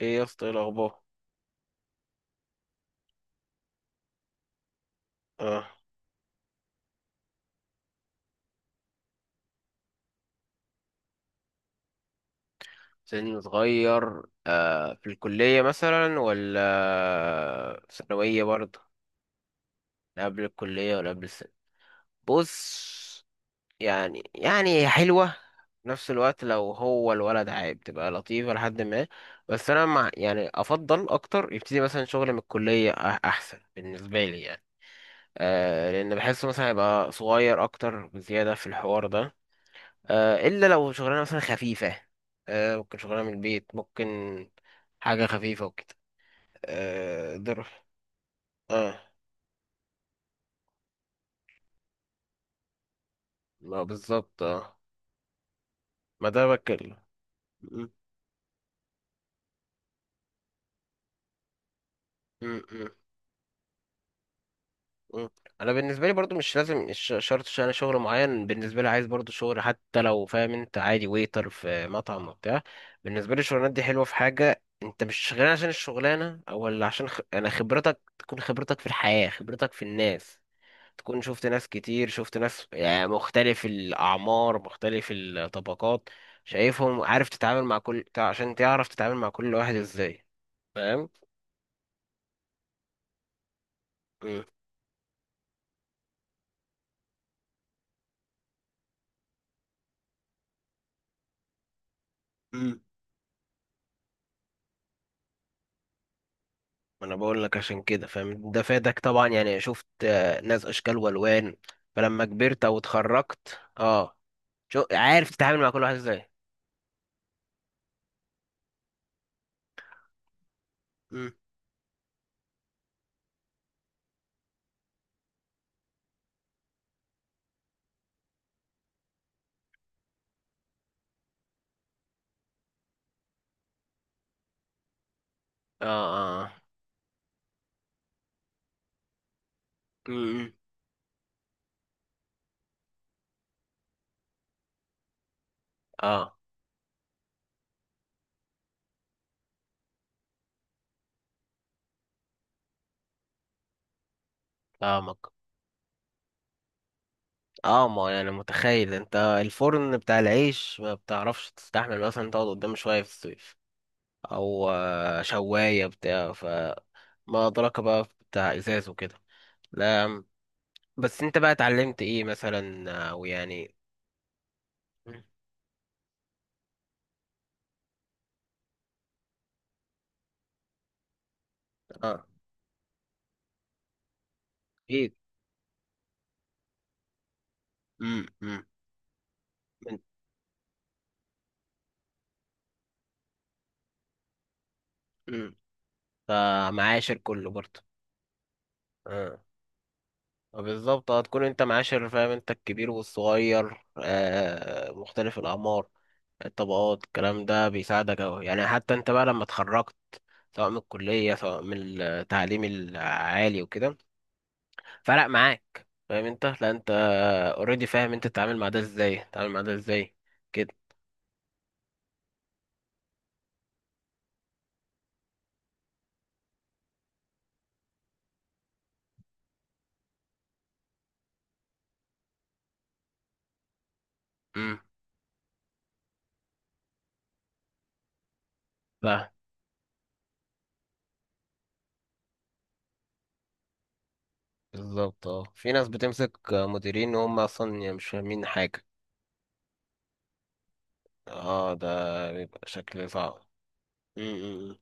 ايه يا اسطى؟ ايه الاخبار؟ اه. سن صغير. آه، في الكلية مثلا ولا ثانوية برضه؟ لا قبل الكلية ولا قبل السنة. بص، يعني هي حلوة. في نفس الوقت لو هو الولد عيب تبقى لطيفة لحد ما. بس أنا مع يعني أفضل أكتر يبتدي مثلا شغل من الكلية، أحسن بالنسبة لي يعني. آه، لأن بحسه مثلا هيبقى صغير أكتر بزيادة في الحوار ده. الا لو شغلانه مثلا خفيفه. ممكن شغلانه من البيت ممكن. حاجه خفيفه وكده. آه، ضرب. اه، ما بالظبط اه. ما ده بتكلم. م- م- م- م. انا بالنسبه لي برضو مش لازم، مش شرط، انا شغل معين بالنسبه لي، عايز برضو شغل حتى لو، فاهم انت، عادي ويتر في مطعم وبتاع. بالنسبه لي الشغلانات دي حلوه في حاجه، انت مش شغال عشان الشغلانه او ولا عشان انا خبرتك، تكون خبرتك في الحياه، خبرتك في الناس. تكون شفت ناس كتير، شفت ناس يعني مختلف الأعمار مختلف الطبقات. شايفهم، عارف تتعامل مع كل عشان تعرف تتعامل مع كل واحد ازاي. فاهم؟ مم. امم. ما انا بقول لك عشان كده، فاهم؟ ده فادك طبعا يعني. شفت ناس اشكال والوان. فلما كبرت او اتخرجت اه، شو عارف تتعامل مع كل واحد ازاي. امم. اه. اه. امم. اه. فاهمك. اه، ما انا يعني متخيل. انت الفرن بتاع العيش ما بتعرفش تستحمل مثلا تقعد قدامه شوية في الصيف، او شواية بتاع ف. ما أدراك بقى بتاع ازاز وكده. لا، بس انت بقى اتعلمت ايه مثلا او يعني؟ اه. ايه. امم امم امم. فمعاشر كله برضه. اه، بالظبط. هتكون انت معاشر، فاهم انت، الكبير والصغير، آه، مختلف الاعمار، الطبقات. الكلام ده بيساعدك أوي يعني. حتى أنت بقى لما اتخرجت، سواء من الكلية سواء من التعليم العالي وكده، فرق معاك. فاهم أنت؟ لا أنت اوريدي فاهم. أنت تتعامل مع ده إزاي، تتعامل مع ده إزاي. كده. امم. لا. بالظبط اه. في ناس بتمسك مديرين وهم أصلا مش فاهمين حاجة. اه، ده بيبقى شكل صعب. امم.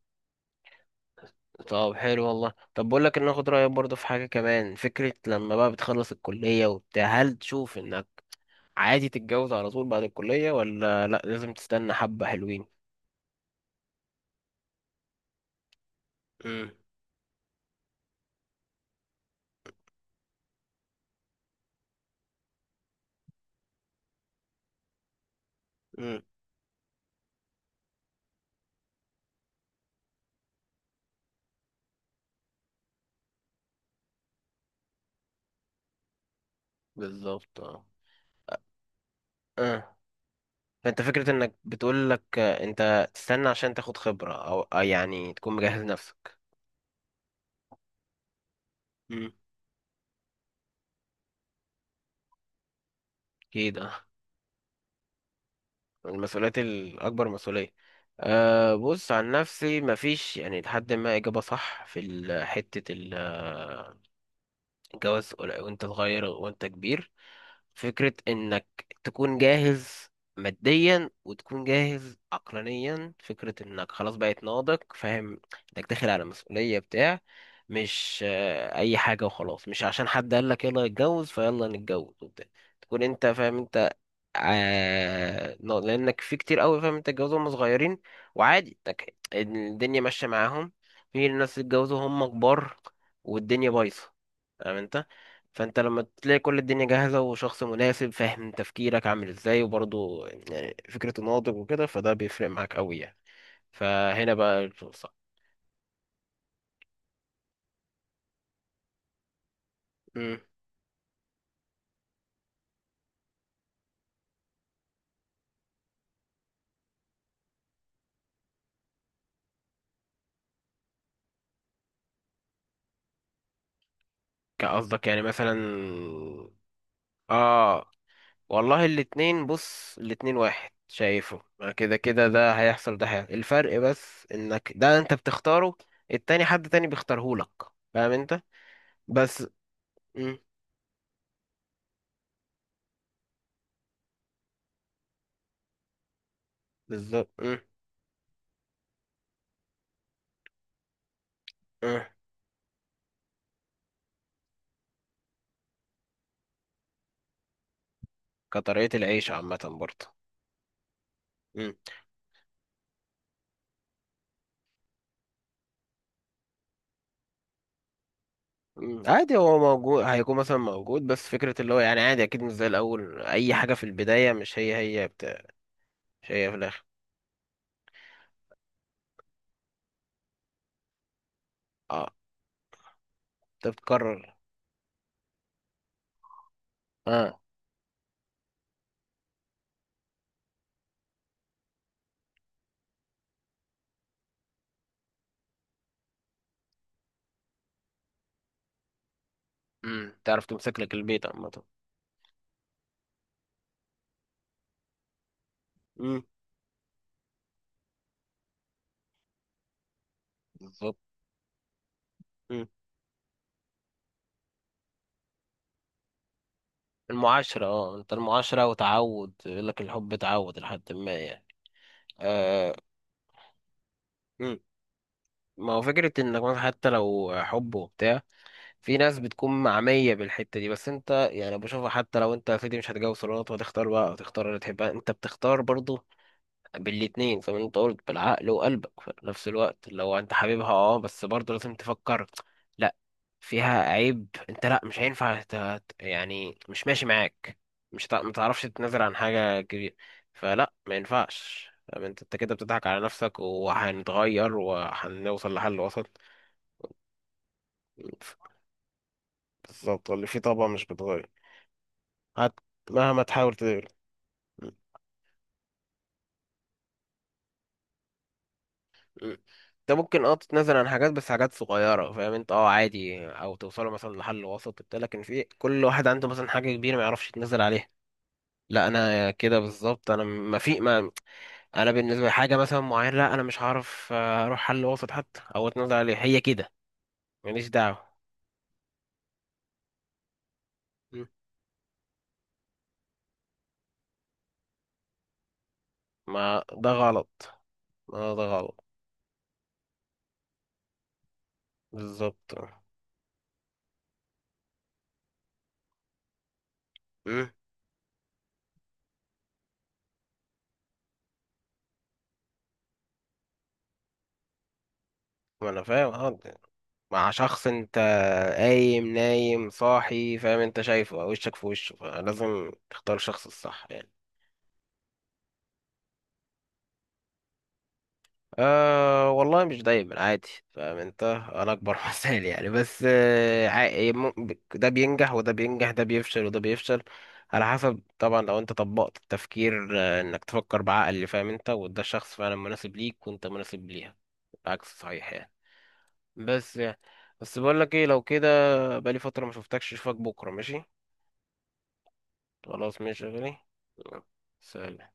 طب حلو والله. طب بقول لك، ان اخد رايك برضه في حاجه كمان، فكره لما بقى بتخلص الكليه وبتاع، هل تشوف انك عادي تتجوز على طول بعد الكلية، ولا لأ لازم تستنى حبة حلوين؟ امم. امم. بالظبط اه. اه، فانت فكرة انك بتقول لك انت تستنى عشان تاخد خبرة، او يعني تكون مجهز نفسك. امم. اكيد اه. المسؤوليات الاكبر مسؤولية. أه، بص، عن نفسي مفيش يعني لحد ما اجابة صح في حتة الجواز وانت صغير وانت كبير. فكرة انك تكون جاهز ماديا وتكون جاهز عقلانيا، فكرة انك خلاص بقيت ناضج، فاهم؟ انك داخل على مسؤولية بتاع. مش اي حاجة وخلاص، مش عشان حد قال لك يلا نتجوز فيلا نتجوز وبتاع. تكون انت فاهم انت، لانك في كتير قوي، فاهم انت، اتجوزوا هم صغيرين وعادي، انك الدنيا ماشية معاهم. في ناس اتجوزوا هم كبار والدنيا بايظة، فاهم انت؟ فانت لما تلاقي كل الدنيا جاهزه وشخص مناسب، فاهم تفكيرك عامل ازاي، وبرضه يعني فكرته ناضج وكده، فده بيفرق معاك قوي يعني. فهنا بقى الفرصه. امم. قصدك يعني مثلا؟ اه. والله الاتنين، بص، الاتنين واحد شايفه، ما كده كده ده هيحصل ده هيحصل، الفرق بس انك ده انت بتختاره، التاني حد تاني بيختارهولك، فاهم انت؟ بس. امم. بالظبط. امم. امم. كطريقة العيش عامة برضه. مم، عادي. هو موجود، هيكون مثلا موجود، بس فكرة اللي هو يعني عادي، أكيد مش زي الأول. أي حاجة في البداية مش هي هي بتاع، مش هي في الآخر. اه. أنت بتكرر. اه. مم. تعرف تمسك لك البيت عامة. مم. بالظبط. مم. المعاشرة اه، انت المعاشرة وتعود، يقول لك الحب تعود لحد ما يعني. آه. مم. ما هو فكرة انك مثلا حتى لو حب وبتاع، في ناس بتكون معمية بالحتة دي، بس انت يعني بشوفها. حتى لو انت يا سيدي مش هتجوز صالونات وهتختار بقى وتختار اللي تحبها، انت بتختار برضه بالاتنين زي ما انت قلت، بالعقل وقلبك في نفس الوقت. لو انت حبيبها اه، بس برضه لازم تفكر. لا، فيها عيب انت، لا مش هينفع يعني مش ماشي معاك، مش هتع- ما تعرفش تتنازل عن حاجة كبيرة. فلا ما ينفعش، طب انت، انت كده بتضحك على نفسك، وهنتغير وهنوصل لحل وسط. ف- بالظبط، اللي فيه طبقة مش بتغير. هت، مهما تحاول تغير. مم. ده ممكن اه، تتنازل عن حاجات بس حاجات صغيرة، فاهم انت، اه عادي، او توصلوا مثلا لحل وسط وبتاع، لكن في كل واحد عنده مثلا حاجة كبيرة ما يعرفش يتنازل عليها. لا انا كده بالظبط، انا ما في ما، انا بالنسبة لحاجة مثلا معينة، لا انا مش هعرف اروح حل وسط حتى او اتنازل عليها، هي كده. ماليش دعوة. مم. ما ده غلط. ما ده غلط. بالظبط. مم. ما انا فاهم اه، مع شخص انت قايم نايم صاحي، فاهم انت، شايفه وشك في وشه، فلازم تختار الشخص الصح يعني. أه والله، مش دايما، عادي، فاهم انت. انا اكبر مثال يعني. بس ده بينجح وده بينجح، ده بيفشل وده بيفشل، على حسب طبعا. لو انت طبقت التفكير، انك تفكر بعقل، فاهم انت، وده الشخص فعلا مناسب ليك وانت مناسب ليها. العكس صحيح يعني. بس يعني، بس بقول لك ايه، لو كده، بقالي فترة ما شفتكش، اشوفك بكرة ماشي؟ خلاص ماشي يا غالي. سلام.